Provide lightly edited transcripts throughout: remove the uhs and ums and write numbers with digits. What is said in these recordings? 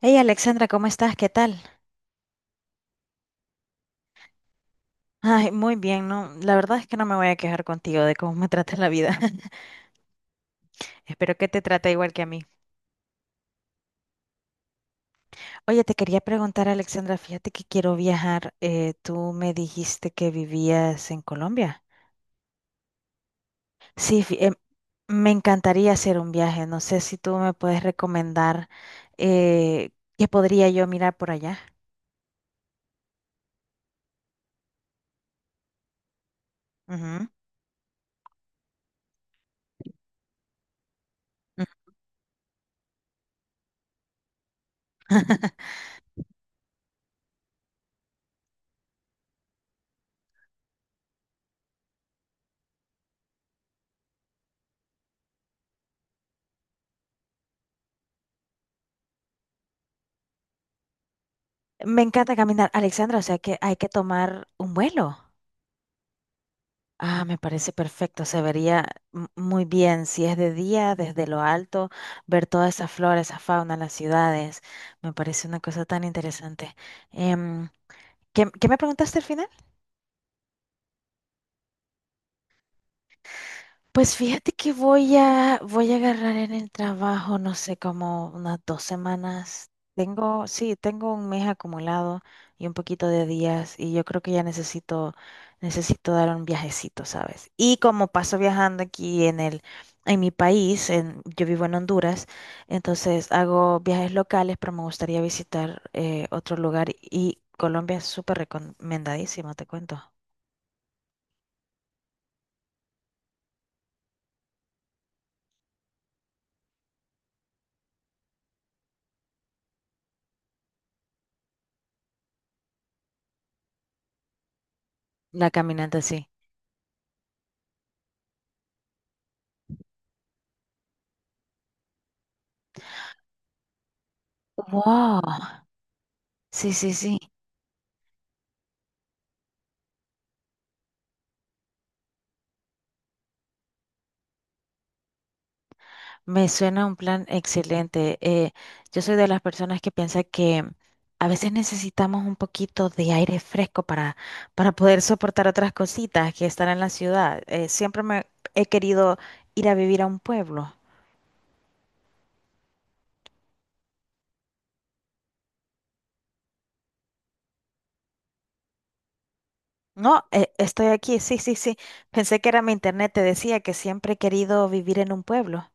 Hey Alexandra, ¿cómo estás? ¿Qué tal? Ay, muy bien, no, la verdad es que no me voy a quejar contigo de cómo me trata la vida. Espero que te trate igual que a mí. Oye, te quería preguntar, Alexandra, fíjate que quiero viajar. Tú me dijiste que vivías en Colombia. Sí, me encantaría hacer un viaje. No sé si tú me puedes recomendar eh, qué podría yo mirar por allá. Ujú. Me encanta caminar, Alexandra, o sea que hay que tomar un vuelo. Ah, me parece perfecto, se vería muy bien si es de día, desde lo alto, ver toda esa flora, esa fauna, las ciudades. Me parece una cosa tan interesante. Em, ¿Qué me preguntaste al final? Pues fíjate que voy a agarrar en el trabajo, no sé, como unas dos semanas. Tengo un mes acumulado y un poquito de días y yo creo que necesito dar un viajecito, ¿sabes? Y como paso viajando en mi país, yo vivo en Honduras, entonces hago viajes locales, pero me gustaría visitar otro lugar y Colombia es súper recomendadísimo, te cuento. La caminante, sí. Wow. Sí, sí, sí. Me suena un plan excelente. Yo soy de las personas que piensa que a veces necesitamos un poquito de aire fresco para poder soportar otras cositas que están en la ciudad. Siempre me he querido ir a vivir a un pueblo. No, estoy aquí, sí, sí, sí. Pensé que era mi internet, te decía que siempre he querido vivir en un pueblo.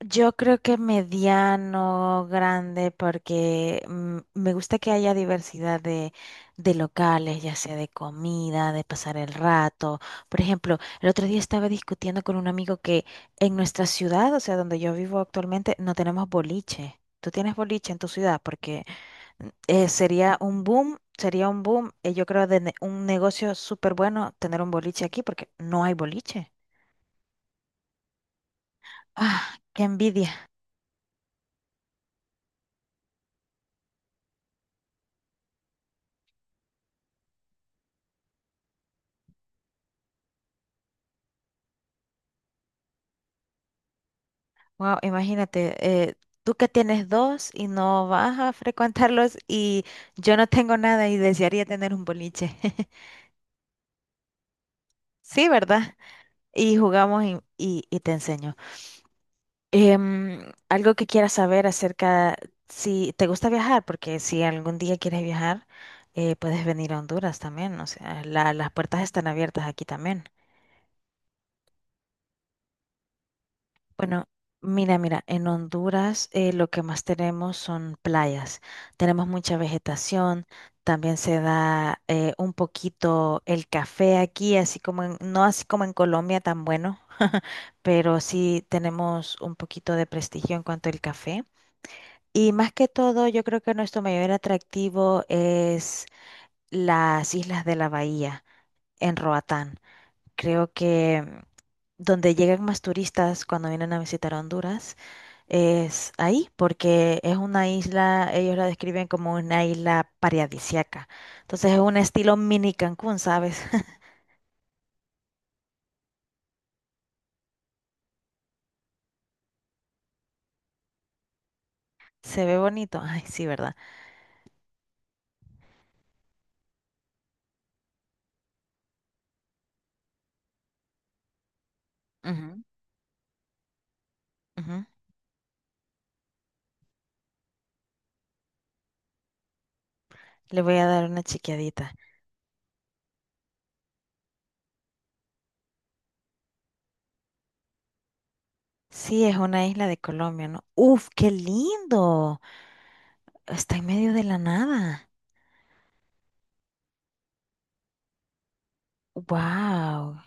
Yo creo que mediano, grande, porque me gusta que haya de locales, ya sea de comida, de pasar el rato. Por ejemplo, el otro día estaba discutiendo con un amigo que en nuestra ciudad, o sea, donde yo vivo actualmente, no tenemos boliche. ¿Tú tienes boliche en tu ciudad? Porque sería un boom, yo creo, de un negocio súper bueno tener un boliche aquí, porque no hay boliche. Ah, qué envidia. Wow, imagínate, tú que tienes dos y no vas a frecuentarlos y yo no tengo nada y desearía tener un boliche. Sí, ¿verdad? Y jugamos y te enseño. Em, Algo que quieras saber acerca, si te gusta viajar, porque si algún día quieres viajar, puedes venir a Honduras también. O sea, las puertas están abiertas aquí también. Bueno, mira, mira, en Honduras lo que más tenemos son playas. Tenemos mucha vegetación, también se da un poquito el café aquí, así como no así como en Colombia tan bueno, pero sí tenemos un poquito de prestigio en cuanto al café. Y más que todo, yo creo que nuestro mayor atractivo es las islas de la bahía en Roatán. Creo que donde llegan más turistas cuando vienen a visitar Honduras es ahí, porque es una isla, ellos la describen como una isla paradisiaca. Entonces es un estilo mini Cancún, ¿sabes? Se ve bonito. Ay, sí, ¿verdad? Ujú, ujú. Le voy a dar una chequeadita. Sí, es una isla de Colombia, ¿no? Uf, qué lindo. Está en medio de la nada. Wow.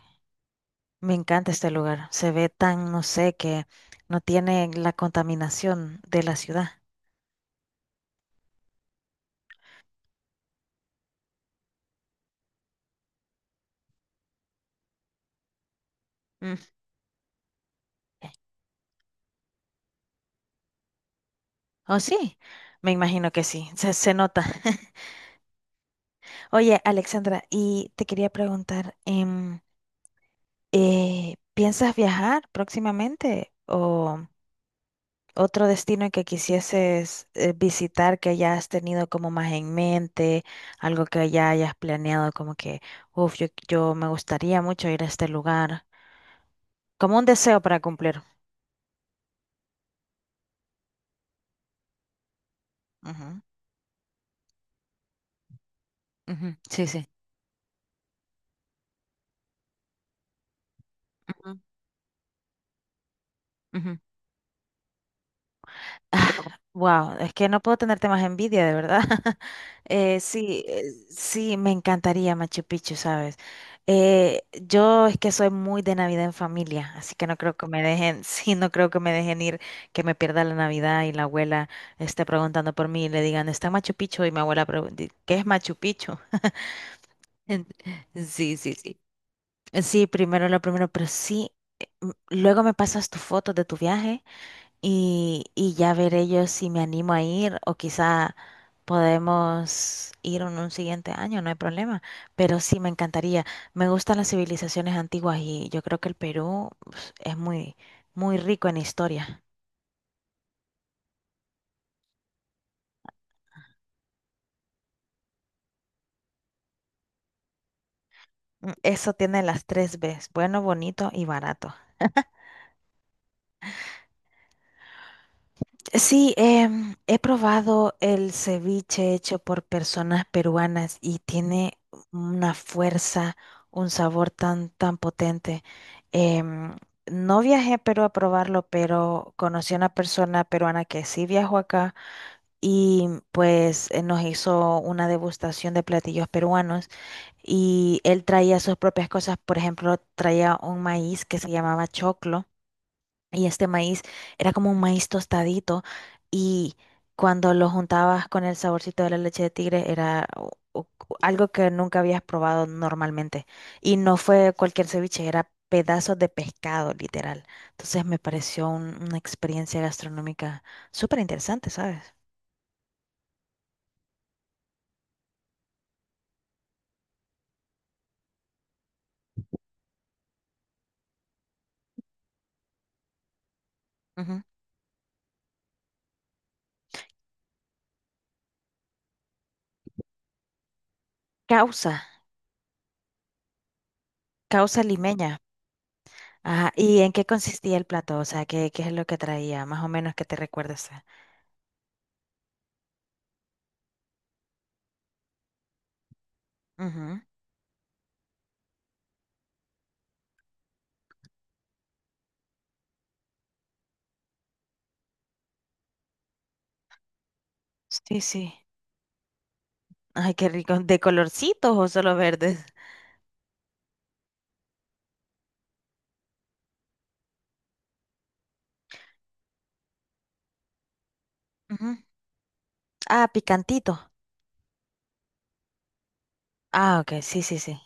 Me encanta este lugar. Se ve tan, no sé, que no tiene la contaminación de la ciudad. ¿O sí? Me imagino que sí, se nota. Oye, Alexandra, y te quería preguntar, ¿piensas viajar próximamente o otro destino que quisieses visitar que ya has tenido como más en mente, algo que ya hayas planeado como que, uff, yo me gustaría mucho ir a este lugar, como un deseo para cumplir? Ujú. Ujú, sí, sí. Ujú, ujú. Wow, es que no puedo tenerte más envidia, de verdad. Eh, sí, eh, sí, me encantaría Machu Picchu, ¿sabes? Yo es que soy muy de Navidad en familia, así que no creo que me dejen, sí, no creo que me dejen ir, que me pierda la Navidad y la abuela esté preguntando por mí y le digan, ¿está Machu Picchu? Y mi abuela pregunta, ¿qué es Machu Picchu? En- Sí, sí, sí. Sí, primero lo primero, pero sí, luego me pasas tus fotos de tu viaje y ya veré yo si me animo a ir o quizá podemos ir en un siguiente año, no hay problema. Pero sí me encantaría. Me gustan las civilizaciones antiguas y yo creo que el Perú pues, es muy, muy rico en historia. Mm, eso tiene las tres Bs, bueno, bonito y barato. Sí, he probado el ceviche hecho por personas peruanas y tiene una fuerza, un sabor tan, tan potente. Em, no viajé a Perú a probarlo, pero conocí a una persona peruana que sí viajó acá y pues nos hizo una degustación de platillos peruanos y él traía sus propias cosas. Por ejemplo, traía un maíz que se llamaba choclo y este maíz era como un maíz tostadito y cuando lo juntabas con el saborcito de la leche de tigre era algo que nunca habías probado normalmente. Y no fue cualquier ceviche, era pedazos de pescado, literal. Entonces me pareció una experiencia gastronómica súper interesante, ¿sabes? Ujú. Causa, causa limeña. Ajá, ¿y en qué consistía el plato? O sea, ¿qué es lo que traía? Más o menos que te recuerdes. Ujú. Sí, sí. Ay, qué rico. ¿De colorcitos o solo verdes? Ujú. Ah, picantito. Ah, ok, sí, sí, sí.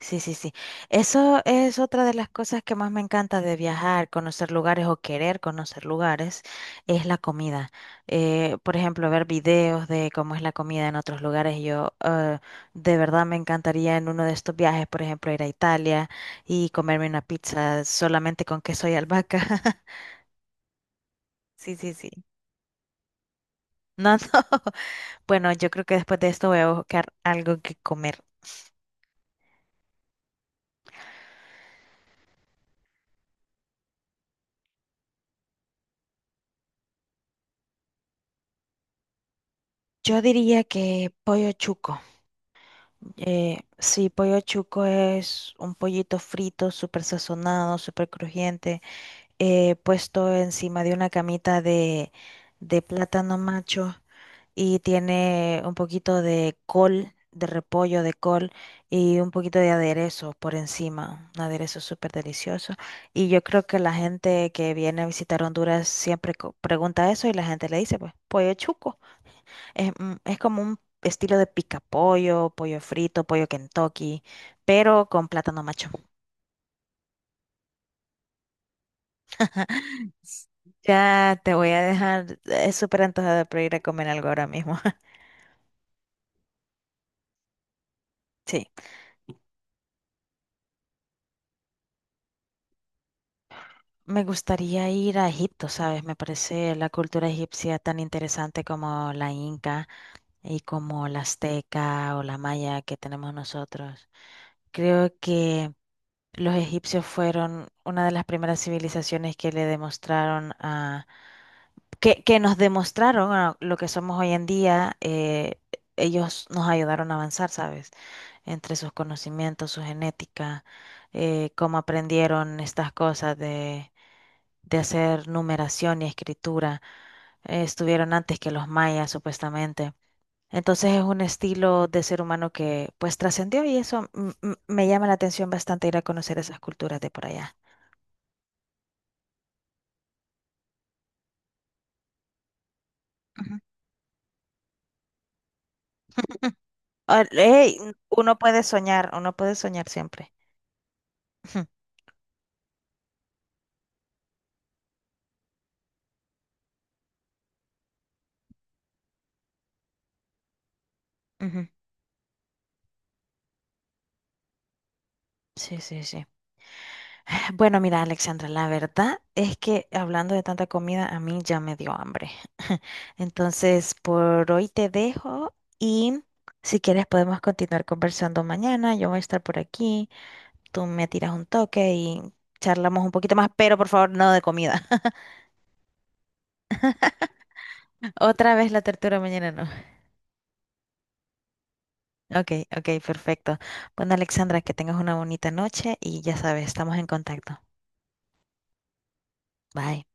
Sí, sí, sí. Eso es otra de las cosas que más me encanta de viajar, conocer lugares o querer conocer lugares, es la comida. Por ejemplo, ver videos de cómo es la comida en otros lugares. Yo de verdad me encantaría en uno de estos viajes, por ejemplo, ir a Italia y comerme una pizza solamente con queso y albahaca. Sí, sí, sí. No, no. Bueno, yo creo que después de esto voy a buscar algo que comer. Yo diría que pollo chuco. Sí, pollo chuco es un pollito frito, súper sazonado, súper crujiente. Puesto encima de una de plátano macho y tiene un poquito de col, de repollo, de col y un poquito de aderezo por encima, un aderezo súper delicioso. Y yo creo que la gente que viene a visitar Honduras siempre pregunta eso y la gente le dice, pues, pollo chuco. Es, es como un estilo de pica pollo, pollo frito, pollo Kentucky, pero con plátano macho. Ya te voy a dejar súper antojada por ir a comer algo ahora mismo. Sí, me gustaría ir a Egipto, ¿sabes? Me parece la cultura egipcia tan interesante como la inca y como la azteca o la maya que tenemos nosotros. Creo que los egipcios fueron una de las primeras civilizaciones que le demostraron a que nos demostraron a lo que somos hoy en día, ellos nos ayudaron a avanzar, ¿sabes? Entre sus conocimientos, su genética, cómo aprendieron estas cosas de hacer numeración y escritura. Estuvieron antes que los mayas, supuestamente. Entonces es un estilo de ser humano que pues trascendió y eso me llama la atención bastante ir a conocer esas culturas de por allá. Ujú. Ah, ey, uno puede soñar siempre. Ujú. Sí, sí, sí. Bueno, mira, Alexandra, la verdad es que hablando de tanta comida, a mí ya me dio hambre. Entonces, por hoy te dejo y si quieres podemos continuar conversando mañana. Yo voy a estar por aquí, tú me tiras un toque y charlamos un poquito más, pero por favor, no de comida. Otra vez la tortura mañana, no. Ok, ok, perfecto. Bueno, Alexandra, que tengas una bonita noche y ya sabes, estamos en contacto. Bye.